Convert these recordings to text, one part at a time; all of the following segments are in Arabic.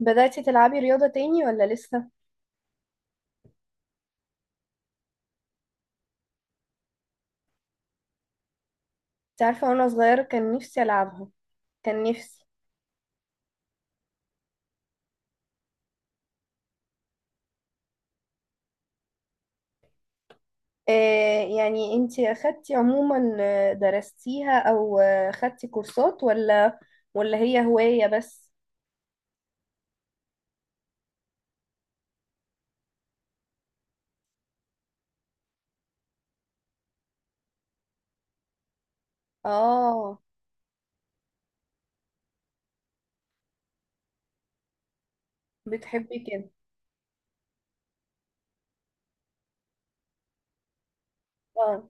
بدأتي تلعبي رياضة تاني ولا لسه؟ انت عارفة وانا صغيرة كان نفسي ألعبها. كان نفسي. يعني انت أخدتي عموما، درستيها أو أخدتي كورسات ولا هي هواية بس؟ اه. بتحبي كده. اه.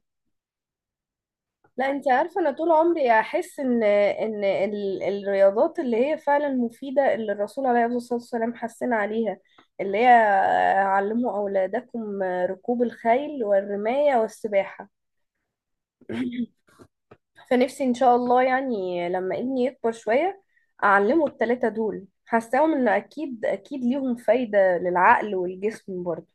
لا، انت عارفة انا طول عمري احس ان الرياضات اللي هي فعلا مفيدة، اللي الرسول عليه الصلاة والسلام حثنا عليها، اللي هي علموا أولادكم ركوب الخيل والرماية والسباحة. فنفسي ان شاء الله يعني لما ابني يكبر شوية اعلمه التلاتة دول، حاساهم ان اكيد اكيد ليهم فايدة للعقل والجسم برضه.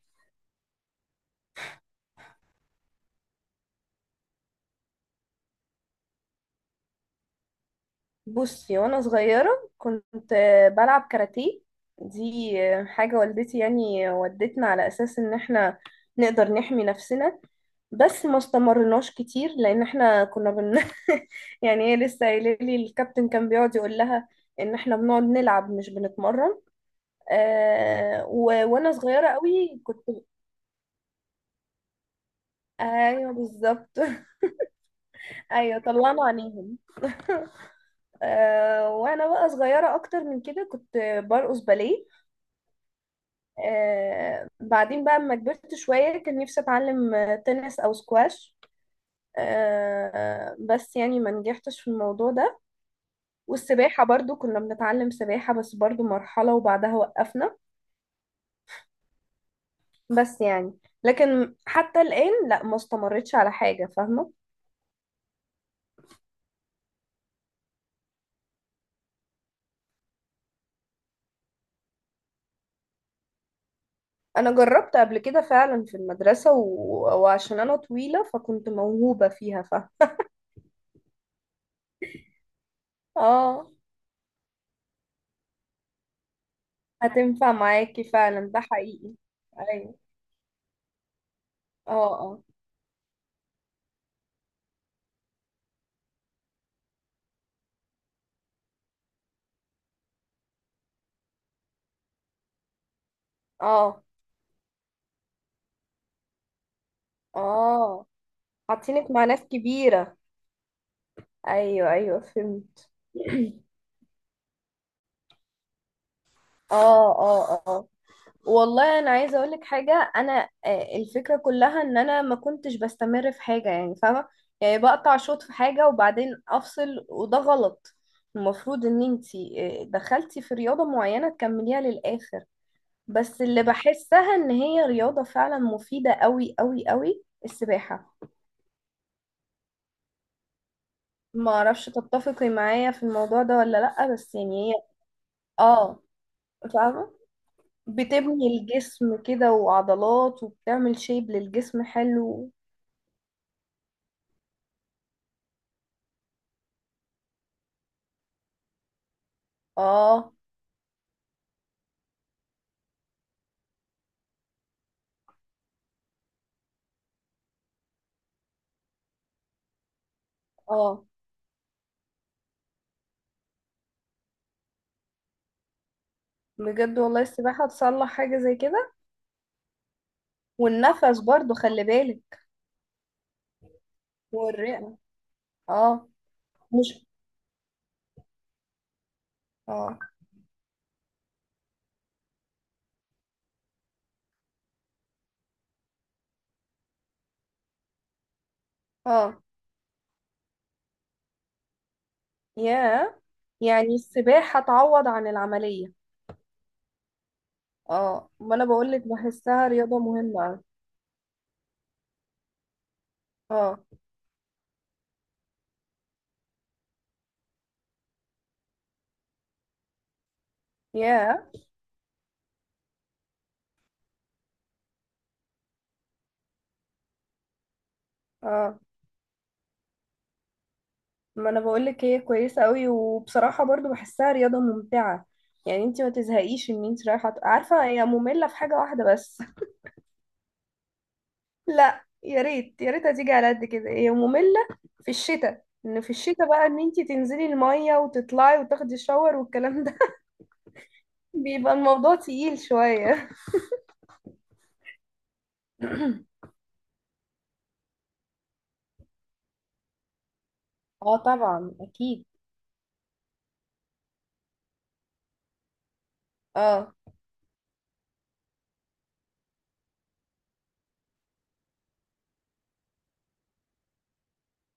بصي، وانا صغيرة كنت بلعب كاراتيه. دي حاجة والدتي يعني ودتنا على اساس ان احنا نقدر نحمي نفسنا، بس ما استمرناش كتير لان احنا كنا يعني هي لسه قايله لي الكابتن كان بيقعد يقول لها ان احنا بنقعد نلعب مش بنتمرن. وانا صغيرة قوي كنت. ايوه بالظبط. ايوه طلعنا عينيهم. وانا بقى صغيرة اكتر من كده كنت برقص باليه. بعدين بقى اما كبرت شوية كان نفسي اتعلم تنس او سكواش. بس يعني ما نجحتش في الموضوع ده. والسباحة برضو كنا بنتعلم سباحة، بس برضو مرحلة وبعدها وقفنا. بس يعني لكن حتى الآن لا، ما استمرتش على حاجة، فاهمة. انا جربت قبل كده فعلا في المدرسة، وعشان انا طويلة فكنت موهوبة فيها اه. هتنفع معاكي فعلا، ده حقيقي. ايوه. اه اه اه اه. حاطينك مع ناس كبيرة. ايوه ايوه فهمت. اه اه اه. والله انا عايزه اقول لك حاجه. انا الفكره كلها ان انا ما كنتش بستمر في حاجه، يعني فاهمه. يعني بقطع شوط في حاجه وبعدين افصل، وده غلط. المفروض ان انتي دخلتي في رياضه معينه تكمليها للاخر. بس اللي بحسها ان هي رياضه فعلا مفيده قوي قوي قوي، السباحه. ما اعرفش تتفقي معايا في الموضوع ده ولا لا، بس يعني هي. اه، فاهمه. بتبني الجسم كده وعضلات، وبتعمل شيب للجسم حلو. اه اه. بجد؟ والله السباحة تصلح حاجة زي كده. والنفس برضو، خلي بالك. والرئة. اه. مش. اه اه. يا، يعني السباحة تعوض عن العملية. اه، ما انا بقولك بحسها رياضة مهمة اوي. اه. يا. اه. ما انا بقولك هي كويسة اوي، وبصراحة برضو بحسها رياضة ممتعة. يعني انت ما تزهقيش ان انت رايحة، عارفة، هي مملة في حاجة واحدة بس. لا، يا ريت يا ريت هتيجي على قد كده. هي مملة في الشتاء، ان في الشتاء بقى ان انتي تنزلي المية وتطلعي وتاخدي شاور والكلام ده. بيبقى الموضوع تقيل شوية. اه طبعا اكيد. اه.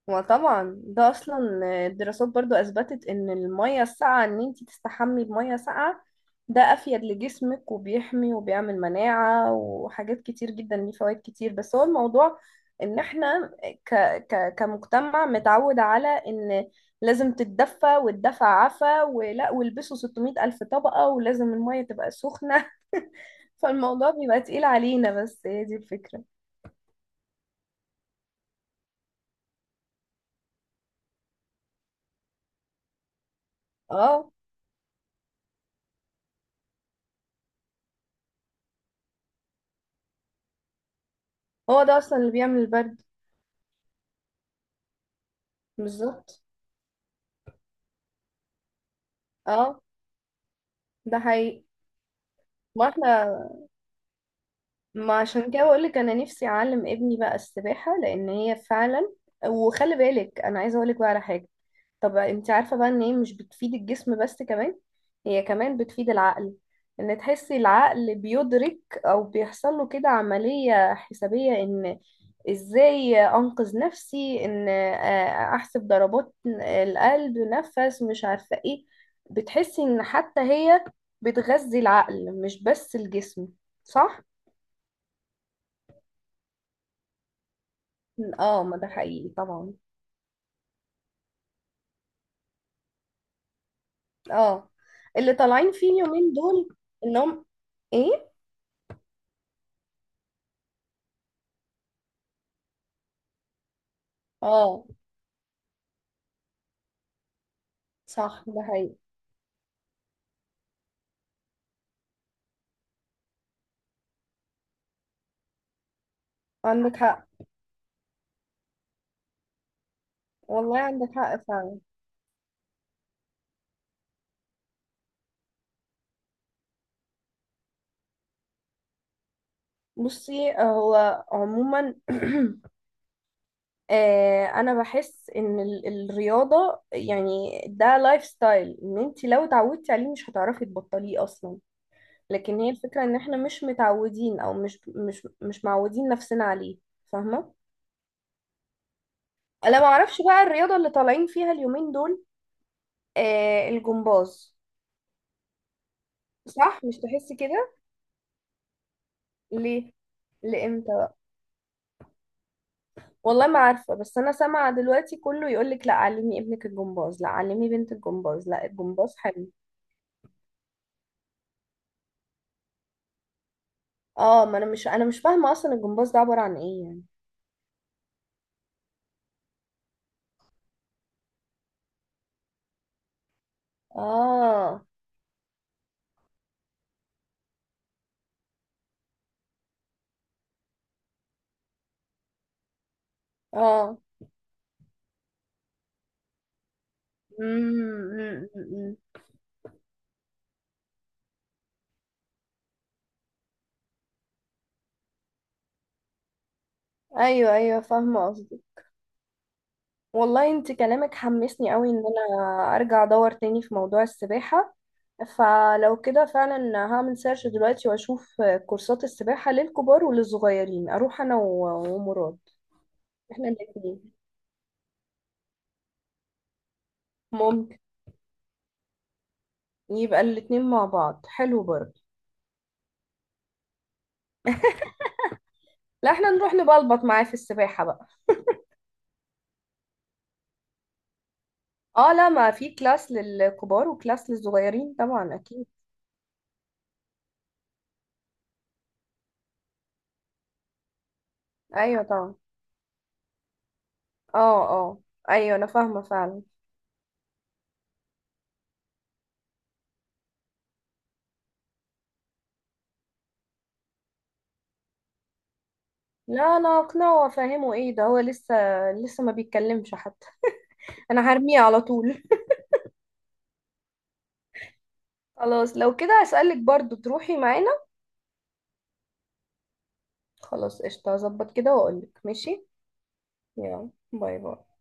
وطبعا ده اصلا، الدراسات برضو اثبتت ان المية الساقعة، ان انتي تستحمي بمية ساقعة، ده افيد لجسمك وبيحمي وبيعمل مناعة وحاجات كتير جدا، ليه فوائد كتير. بس هو الموضوع ان احنا ك ك كمجتمع متعود على ان لازم تتدفى والدفع عفا ولا، والبسوا 600 الف طبقة، ولازم المية تبقى سخنة. فالموضوع بيبقى تقيل علينا، بس هي دي الفكرة. اه. هو ده اصلا اللي بيعمل البرد. بالظبط. اه، ده حقيقي. ما احنا ما عشان كده بقولك، انا نفسي اعلم ابني بقى السباحة لان هي فعلا. وخلي بالك، انا عايزة اقولك بقى على حاجة. طب انت عارفة بقى ان هي مش بتفيد الجسم بس، كمان هي كمان بتفيد العقل. ان تحسي العقل بيدرك، او بيحصل له كده عملية حسابية، ان ازاي انقذ نفسي، ان احسب ضربات القلب، نفس، مش عارفة ايه. بتحسي ان حتى هي بتغذي العقل مش بس الجسم، صح؟ اه، ما ده حقيقي طبعا. اه، اللي طالعين فيه اليومين دول، انهم ايه؟ اه، صح، ده حقيقي. عندك حق. والله عندك حق فعلا. بصي هو عموما، انا بحس ان الرياضة يعني ده لايف ستايل، ان انت لو اتعودتي عليه مش هتعرفي تبطليه اصلا. لكن هي الفكرة ان احنا مش متعودين، او مش معودين نفسنا عليه، فاهمة. انا ما اعرفش بقى الرياضة اللي طالعين فيها اليومين دول، الجمباز. صح؟ مش تحسي كده؟ ليه؟ لإمتى؟ والله ما عارفة، بس أنا سامعة دلوقتي كله يقولك لا علمي ابنك الجمباز، لا علمي بنت الجمباز، لا الجمباز حلو. اه، ما أنا مش فاهمة أصلا الجمباز ده عبارة عن إيه يعني. اه اه. امم. أيوه أيوه، فاهمة قصدي. والله انت كلامك حمسني قوي ان انا ارجع ادور تاني في موضوع السباحة. فلو كده فعلا هعمل سيرش دلوقتي واشوف كورسات السباحة للكبار وللصغيرين، اروح انا ومراد. احنا الاتنين. ممكن. يبقى الاتنين مع بعض حلو برضه. لا، احنا نروح نبلبط معاه في السباحة بقى. اه. لا، ما في كلاس للكبار وكلاس للصغيرين طبعا اكيد. ايوه طبعا. اه اه. ايوه انا فاهمة فعلا. لا، انا اقنعه وافهمه ايه ده، هو لسه، لسه ما بيتكلمش حتى. انا هرميه على طول. خلاص، لو كده اسألك برضو تروحي معانا. خلاص قشطة، هظبط كده واقولك ماشي. يلا، باي باي.